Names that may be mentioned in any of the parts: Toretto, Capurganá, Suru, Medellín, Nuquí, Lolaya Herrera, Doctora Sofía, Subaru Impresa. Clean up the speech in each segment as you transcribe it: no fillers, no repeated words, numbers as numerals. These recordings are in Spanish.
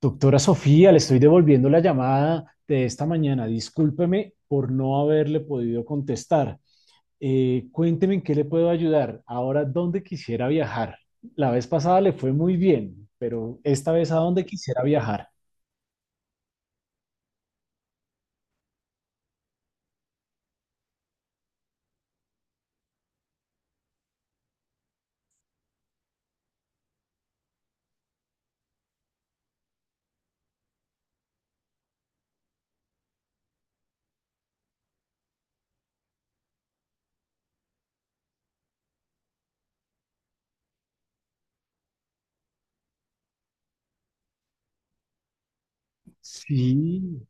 Doctora Sofía, le estoy devolviendo la llamada de esta mañana. Discúlpeme por no haberle podido contestar. Cuénteme en qué le puedo ayudar. Ahora, ¿dónde quisiera viajar? La vez pasada le fue muy bien, pero esta vez, ¿a dónde quisiera viajar? Sí,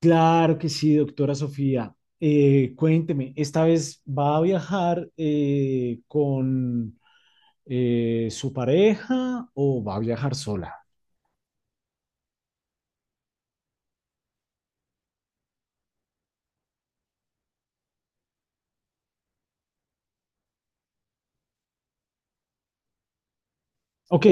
claro que sí, doctora Sofía. Cuénteme, ¿esta vez va a viajar con su pareja o va a viajar sola? Ok.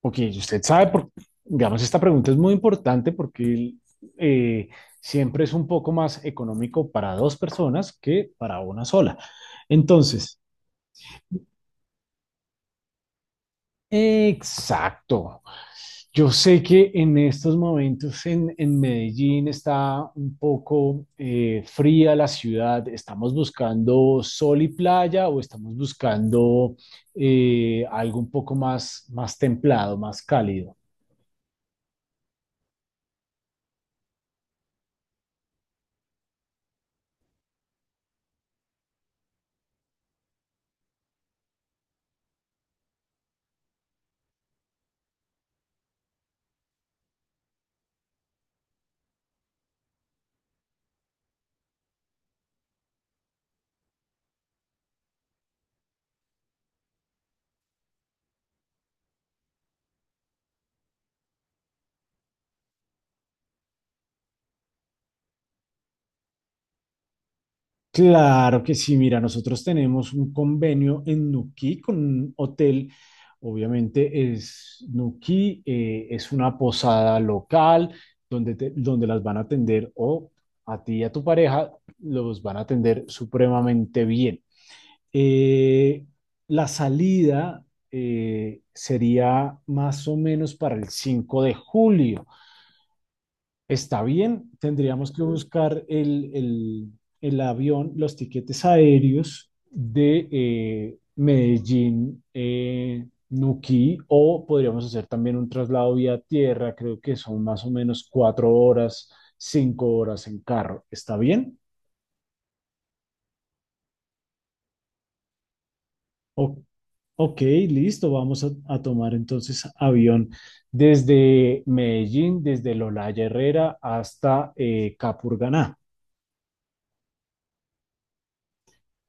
Ok, y usted sabe, por, digamos, esta pregunta es muy importante porque eh, siempre es un poco más económico para dos personas que para una sola. Entonces, exacto. Yo sé que en estos momentos en Medellín está un poco fría la ciudad. ¿Estamos buscando sol y playa o estamos buscando algo un poco más, más templado, más cálido? Claro que sí, mira, nosotros tenemos un convenio en Nuquí con un hotel, obviamente es Nuquí, es una posada local donde, donde las van a atender, o a ti y a tu pareja los van a atender supremamente bien. Eh, la salida sería más o menos para el 5 de julio. Está bien, tendríamos que buscar el avión, los tiquetes aéreos de Medellín, Nuquí, o podríamos hacer también un traslado vía tierra, creo que son más o menos cuatro horas, cinco horas en carro. ¿Está bien? O- ok, listo, vamos a tomar entonces avión desde Medellín, desde Lolaya Herrera hasta Capurganá.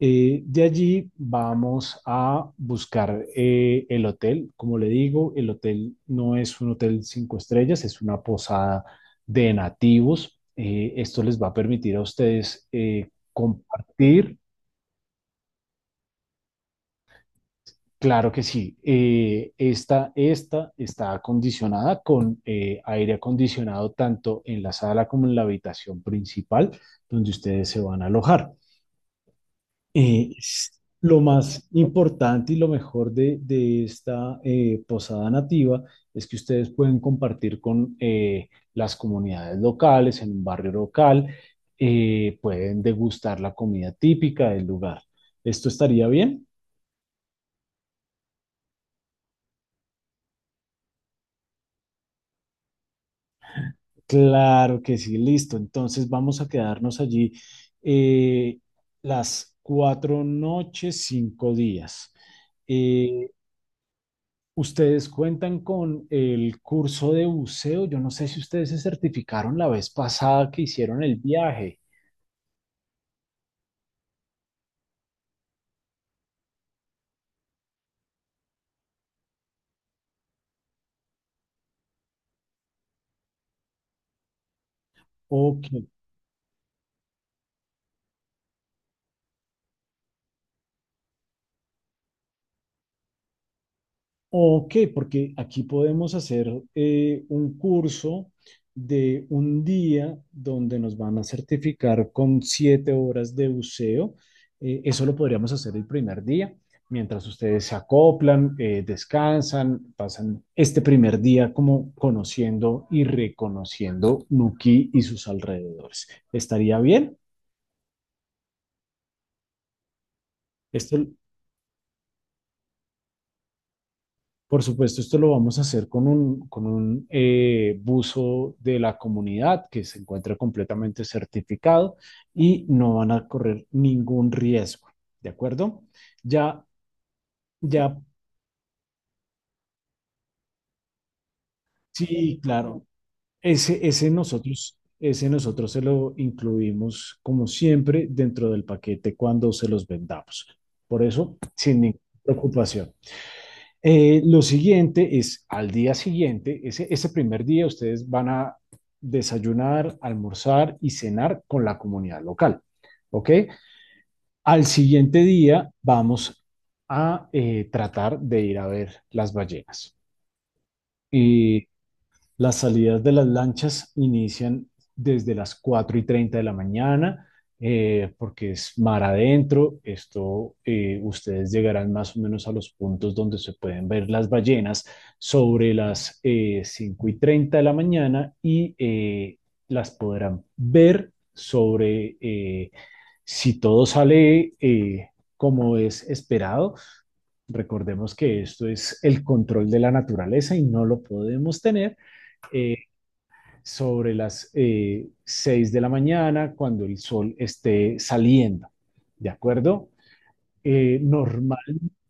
De allí vamos a buscar el hotel. Como le digo, el hotel no es un hotel cinco estrellas, es una posada de nativos. Esto les va a permitir a ustedes compartir. Claro que sí. Esta está acondicionada con aire acondicionado tanto en la sala como en la habitación principal donde ustedes se van a alojar. Eh, s- lo más importante y lo mejor de esta posada nativa es que ustedes pueden compartir con las comunidades locales, en un barrio local. Pueden degustar la comida típica del lugar. ¿Esto estaría bien? Claro que sí, listo. Entonces vamos a quedarnos allí eh, las cuatro noches, cinco días. Eh, Ustedes cuentan con el curso de buceo. Yo no sé si ustedes se certificaron la vez pasada que hicieron el viaje. Ok. Ok, porque aquí podemos hacer un curso de un día donde nos van a certificar con siete horas de buceo. Eso lo podríamos hacer el primer día, mientras ustedes se acoplan, descansan, pasan este primer día como conociendo y reconociendo Nuquí y sus alrededores. ¿Estaría bien? Esto, por supuesto, esto lo vamos a hacer con un buzo de la comunidad que se encuentra completamente certificado y no van a correr ningún riesgo, ¿de acuerdo? Ya, ya, sí, claro, ese, ese nosotros se lo incluimos como siempre dentro del paquete cuando se los vendamos. Por eso, sin ninguna preocupación. Lo siguiente es, al día siguiente, ese primer día ustedes van a desayunar, almorzar y cenar con la comunidad local. ¿Ok? Al siguiente día vamos a tratar de ir a ver las ballenas. Y las salidas de las lanchas inician desde las 4 y 30 de la mañana, porque es mar adentro. Esto, ustedes llegarán más o menos a los puntos donde se pueden ver las ballenas sobre las 5 y 30 de la mañana y las podrán ver sobre, si todo sale como es esperado. Recordemos que esto es el control de la naturaleza y no lo podemos tener eh, sobre las 6 de la mañana cuando el sol esté saliendo. ¿De acuerdo? Eh, normal,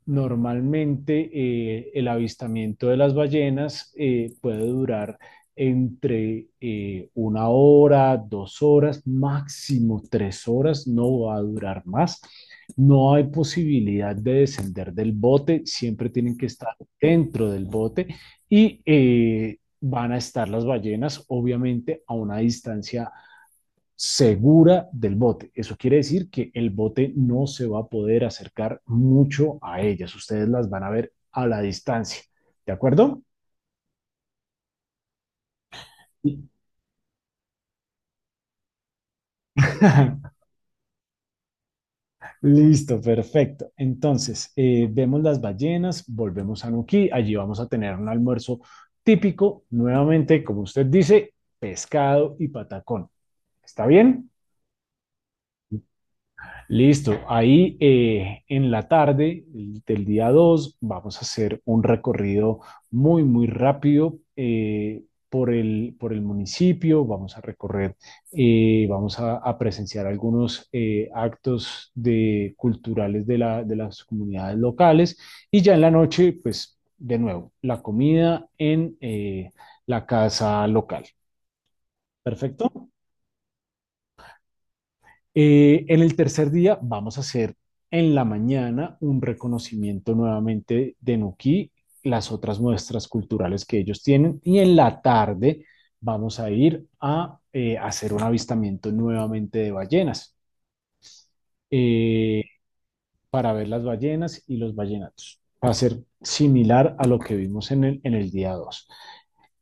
Normalmente el avistamiento de las ballenas puede durar entre una hora, dos horas, máximo tres horas, no va a durar más. No hay posibilidad de descender del bote, siempre tienen que estar dentro del bote y van a estar las ballenas, obviamente, a una distancia segura del bote. Eso quiere decir que el bote no se va a poder acercar mucho a ellas. Ustedes las van a ver a la distancia. ¿De acuerdo? Listo, perfecto. Entonces, vemos las ballenas, volvemos a Nuquí, allí vamos a tener un almuerzo típico, nuevamente, como usted dice, pescado y patacón. ¿Está bien? Listo, ahí en la tarde del día 2 vamos a hacer un recorrido muy, muy rápido por el municipio, vamos a recorrer, vamos a presenciar algunos actos de, culturales de, la, de las comunidades locales, y ya en la noche, pues de nuevo, la comida en la casa local. ¿Perfecto? En el tercer día vamos a hacer en la mañana un reconocimiento nuevamente de Nuquí, las otras muestras culturales que ellos tienen, y en la tarde vamos a ir a hacer un avistamiento nuevamente de ballenas, eh, para ver las ballenas y los ballenatos. Va a ser similar a lo que vimos en el día 2.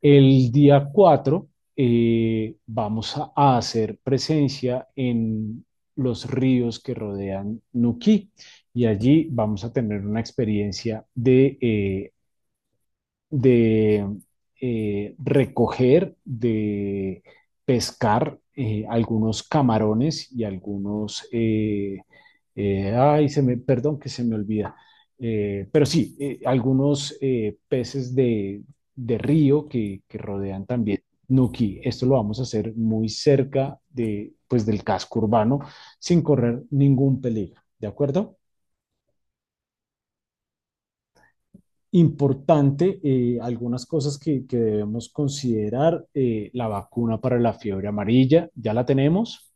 El día 4 vamos a hacer presencia en los ríos que rodean Nuquí, y allí vamos a tener una experiencia de de recoger, de pescar algunos camarones y algunos, ay, perdón que se me olvida, pero sí, algunos peces de río que rodean también Nuki. Esto lo vamos a hacer muy cerca de, pues, del casco urbano sin correr ningún peligro, ¿de acuerdo? Importante, algunas cosas que debemos considerar, la vacuna para la fiebre amarilla, ya la tenemos.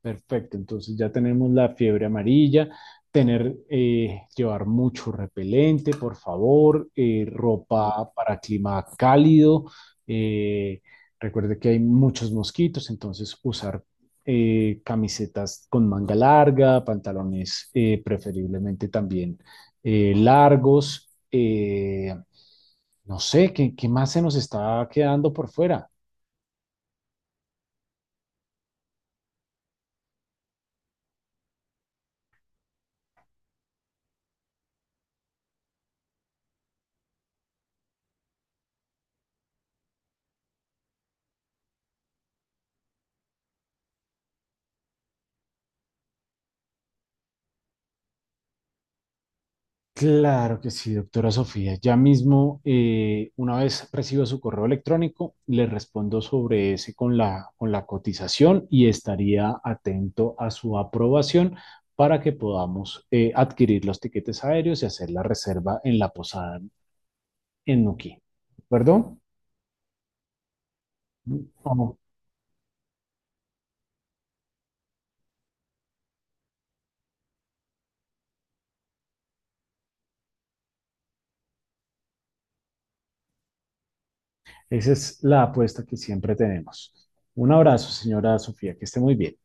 Perfecto, entonces ya tenemos la fiebre amarilla, tener, llevar mucho repelente, por favor, ropa para clima cálido. eh, Recuerde que hay muchos mosquitos, entonces usar camisetas con manga larga, pantalones preferiblemente también largos. No sé, qué más se nos está quedando por fuera? Claro que sí, doctora Sofía. Ya mismo, una vez reciba su correo electrónico, le respondo sobre ese con la cotización, y estaría atento a su aprobación para que podamos adquirir los tiquetes aéreos y hacer la reserva en la posada en Nuquí. ¿De acuerdo? Como- Esa es la apuesta que siempre tenemos. Un abrazo, señora Sofía, que esté muy bien.